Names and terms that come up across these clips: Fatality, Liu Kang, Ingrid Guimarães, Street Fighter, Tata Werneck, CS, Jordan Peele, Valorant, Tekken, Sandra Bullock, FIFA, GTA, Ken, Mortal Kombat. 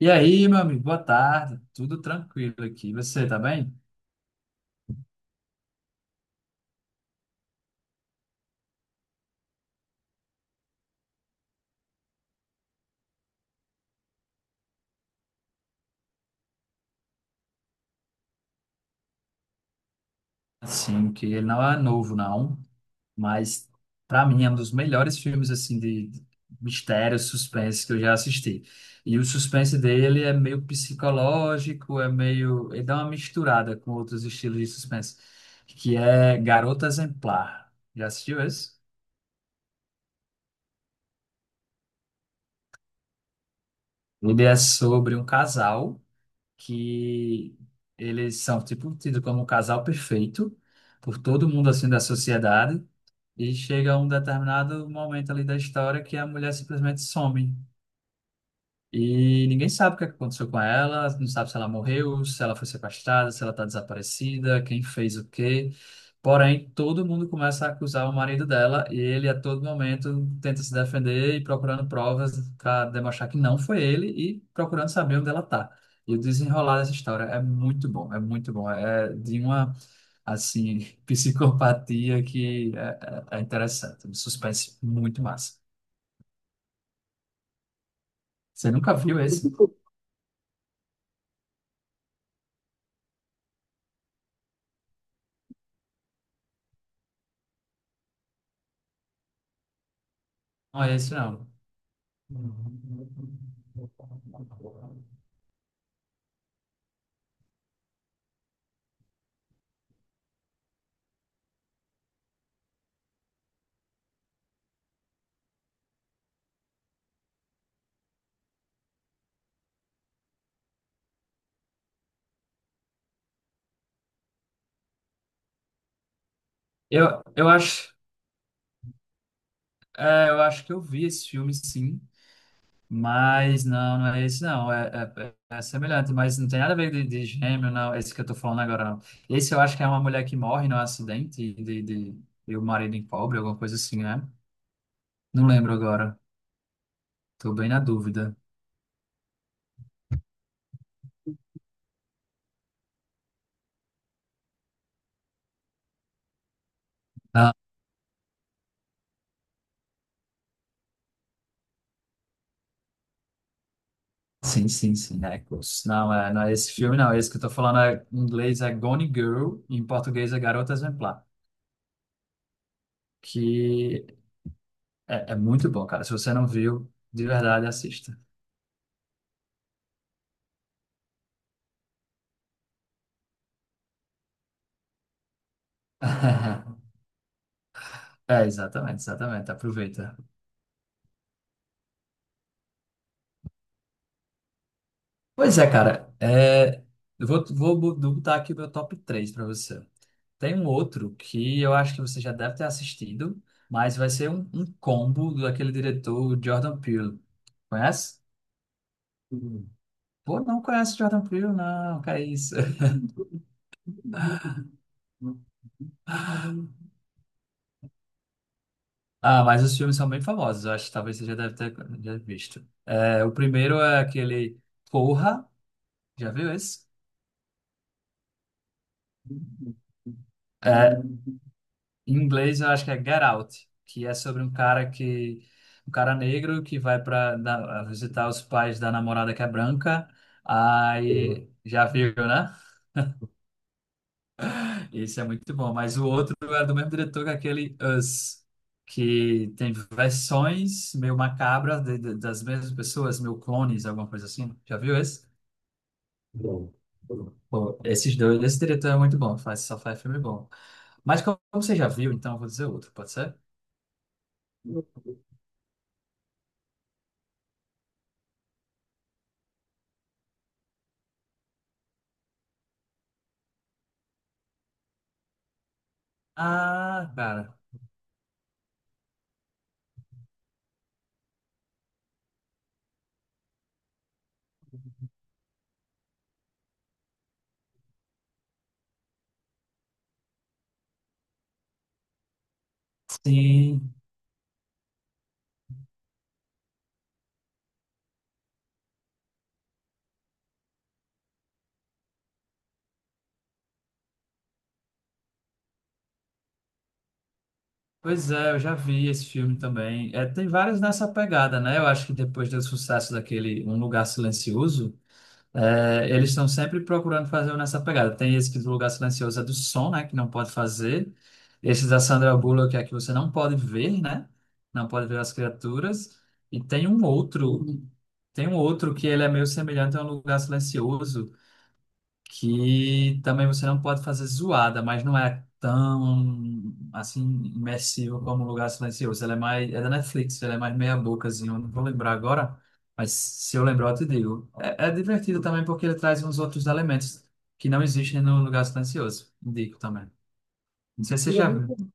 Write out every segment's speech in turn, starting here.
E aí, meu amigo, boa tarde. Tudo tranquilo aqui. Você tá bem? Assim, que ele não é novo, não, mas para mim é um dos melhores filmes assim de mistério, suspense que eu já assisti. E o suspense dele é meio psicológico, é meio, ele dá uma misturada com outros estilos de suspense, que é Garota Exemplar. Já assistiu esse? Ele é sobre um casal que eles são tipo tidos como o casal perfeito por todo mundo assim da sociedade e chega um determinado momento ali da história que a mulher simplesmente some. E ninguém sabe o que é que aconteceu com ela, não sabe se ela morreu, se ela foi sequestrada, se ela está desaparecida, quem fez o quê. Porém, todo mundo começa a acusar o marido dela e ele a todo momento tenta se defender e procurando provas para demonstrar que não foi ele e procurando saber onde ela está. E o desenrolar dessa história é muito bom, é muito bom. É de uma, assim, psicopatia que é interessante. Um suspense muito massa. Você nunca viu esse? Não é esse, não. Eu acho, é, eu acho que eu vi esse filme, sim, mas não, não é esse, não. É, é semelhante, mas não tem nada a ver de gêmeo, não. Esse que eu tô falando agora, não. Esse eu acho que é uma mulher que morre num acidente e o marido encobre, alguma coisa assim, né? Não lembro agora. Tô bem na dúvida. Ah, sim, Echoes. Não, é, não é esse filme, não. Esse que eu tô falando é, em inglês é Gone Girl, em português é Garota Exemplar. Que é, é muito bom, cara. Se você não viu, de verdade, assista. É, exatamente, exatamente. Aproveita. Pois é, cara. É, eu vou, botar aqui o meu top 3 para você. Tem um outro que eu acho que você já deve ter assistido, mas vai ser um combo daquele diretor Jordan Peele. Conhece? Hum. Pô, não conhece Jordan Peele, não, que é isso. Ah, mas os filmes são bem famosos, eu acho que talvez você já deve ter já visto. É, o primeiro é aquele Corra. Já viu isso? É, em inglês eu acho que é Get Out, que é sobre um cara que um cara negro que vai para visitar os pais da namorada que é branca. Aí já viu, né? Isso é muito bom, mas o outro é do mesmo diretor que é aquele Us, que tem versões meio macabras das mesmas pessoas, meio clones, alguma coisa assim. Já viu esse? Bom, pô, esses dois, esse diretor é muito bom, faz, só faz filme bom. Mas como você já viu, então eu vou dizer outro, pode ser? Ah, cara, sim. Pois é, eu já vi esse filme também. É, tem vários nessa pegada, né? Eu acho que depois do sucesso daquele Um Lugar Silencioso, é, eles estão sempre procurando fazer um nessa pegada. Tem esse que do Lugar Silencioso é do som, né? Que não pode fazer. Esse da Sandra Bullock é que você não pode ver, né? Não pode ver as criaturas. E tem um outro que ele é meio semelhante a Um Lugar Silencioso que também você não pode fazer zoada, mas não é tão assim imersivo como um Lugar Silencioso. Ela é mais é da Netflix, ela é mais meia bocazinha, eu não vou lembrar agora, mas se eu lembrar eu te digo. É, é divertido também porque ele traz uns outros elementos que não existem no Lugar Silencioso. Indico também. Não sei se você E é já muito viu.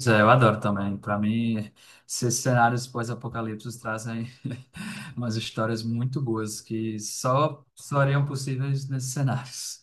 Zé, eu adoro também. Para mim, esses cenários pós-apocalípticos trazem umas histórias muito boas que só seriam possíveis nesses cenários.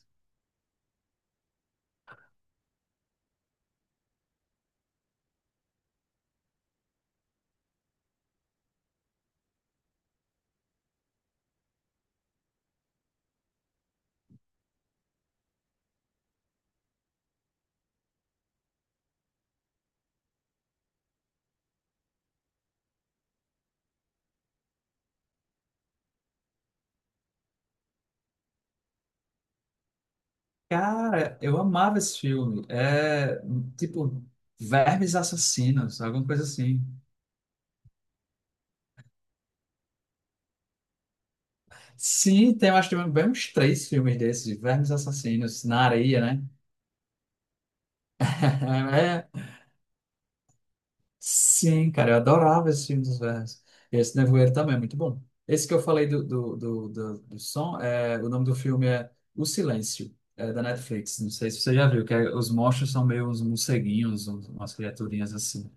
Cara, eu amava esse filme. É tipo Vermes Assassinos, alguma coisa assim. Sim, tem, eu acho que tem bem uns três filmes desses, de Vermes Assassinos, na areia, né? É, sim, cara, eu adorava esse filme dos vermes. E esse Nevoeiro também é muito bom. Esse que eu falei do som, é, o nome do filme é O Silêncio, é da Netflix. Não sei se você já viu, que é- os monstros são meio uns morceguinhos, uns- umas criaturinhas assim.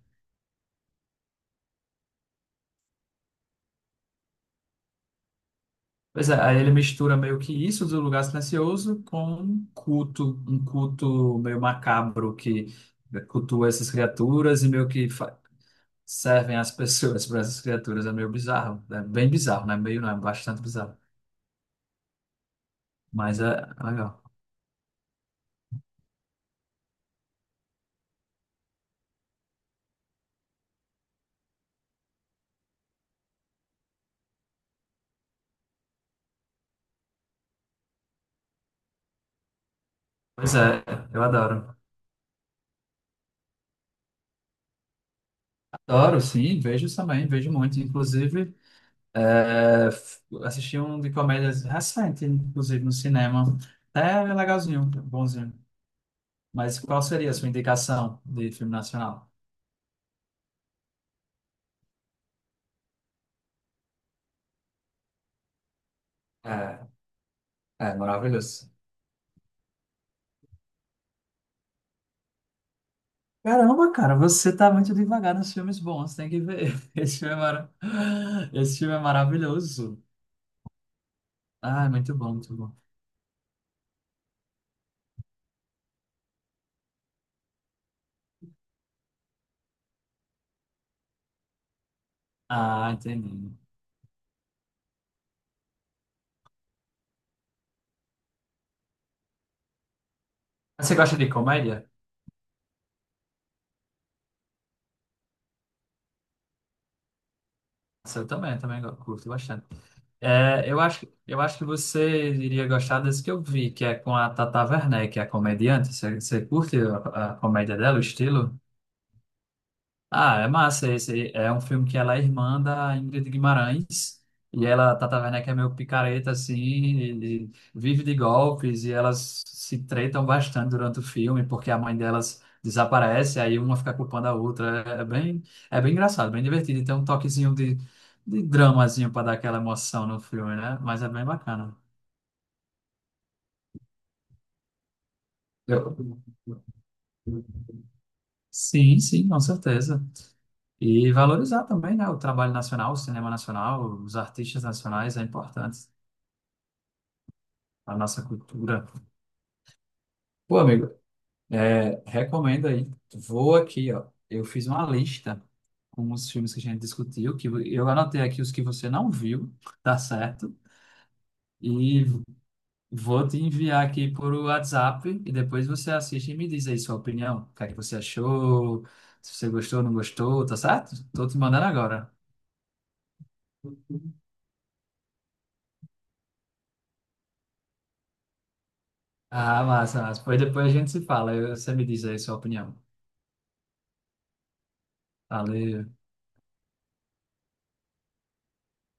Pois é, aí ele mistura meio que isso do lugar silencioso com um culto meio macabro que cultua essas criaturas e meio que fa- servem as pessoas para essas criaturas. É meio bizarro, é bem bizarro, né? Meio não, é bastante bizarro, mas é legal. Pois é, eu adoro. Adoro, sim, vejo também, vejo muito. Inclusive, é, f- assisti um de comédias recente, inclusive no cinema. Até legalzinho, bonzinho. Mas qual seria a sua indicação de filme nacional? É, é maravilhoso. Caramba, cara, você tá muito devagar nos filmes bons, tem que ver. Esse filme é, mara... Esse filme é maravilhoso. Ah, é muito bom, muito bom. Ah, entendi. Você gosta de comédia? Eu também, também go- curto bastante. É, eu acho que você iria gostar desse que eu vi, que é com a Tata Werneck, que é a comediante. Você, você curte a comédia dela, o estilo? Ah, é massa esse. É um filme que ela é irmã da Ingrid Guimarães. E ela, Tata Werneck, é meio picareta, assim, e vive de golpes, e elas se tretam bastante durante o filme, porque a mãe delas desaparece, aí uma fica culpando a outra. É bem, é bem engraçado, bem divertido. E tem um toquezinho de dramazinho para dar aquela emoção no filme, né? Mas é bem bacana. Eu- sim, sim, com certeza. E valorizar também, né, o trabalho nacional, o cinema nacional, os artistas nacionais é importante. A nossa cultura. Pô, amigo, é, recomendo aí. Vou aqui, ó. Eu fiz uma lista com os filmes que a gente discutiu, que eu anotei aqui os que você não viu, tá certo? E vou te enviar aqui por WhatsApp e depois você assiste e me diz aí sua opinião. O que é que você achou, se você gostou, não gostou, tá certo? Tô te mandando agora. Ah, massa, massa. Pois depois a gente se fala. Eu- você me diz aí sua opinião. Valeu.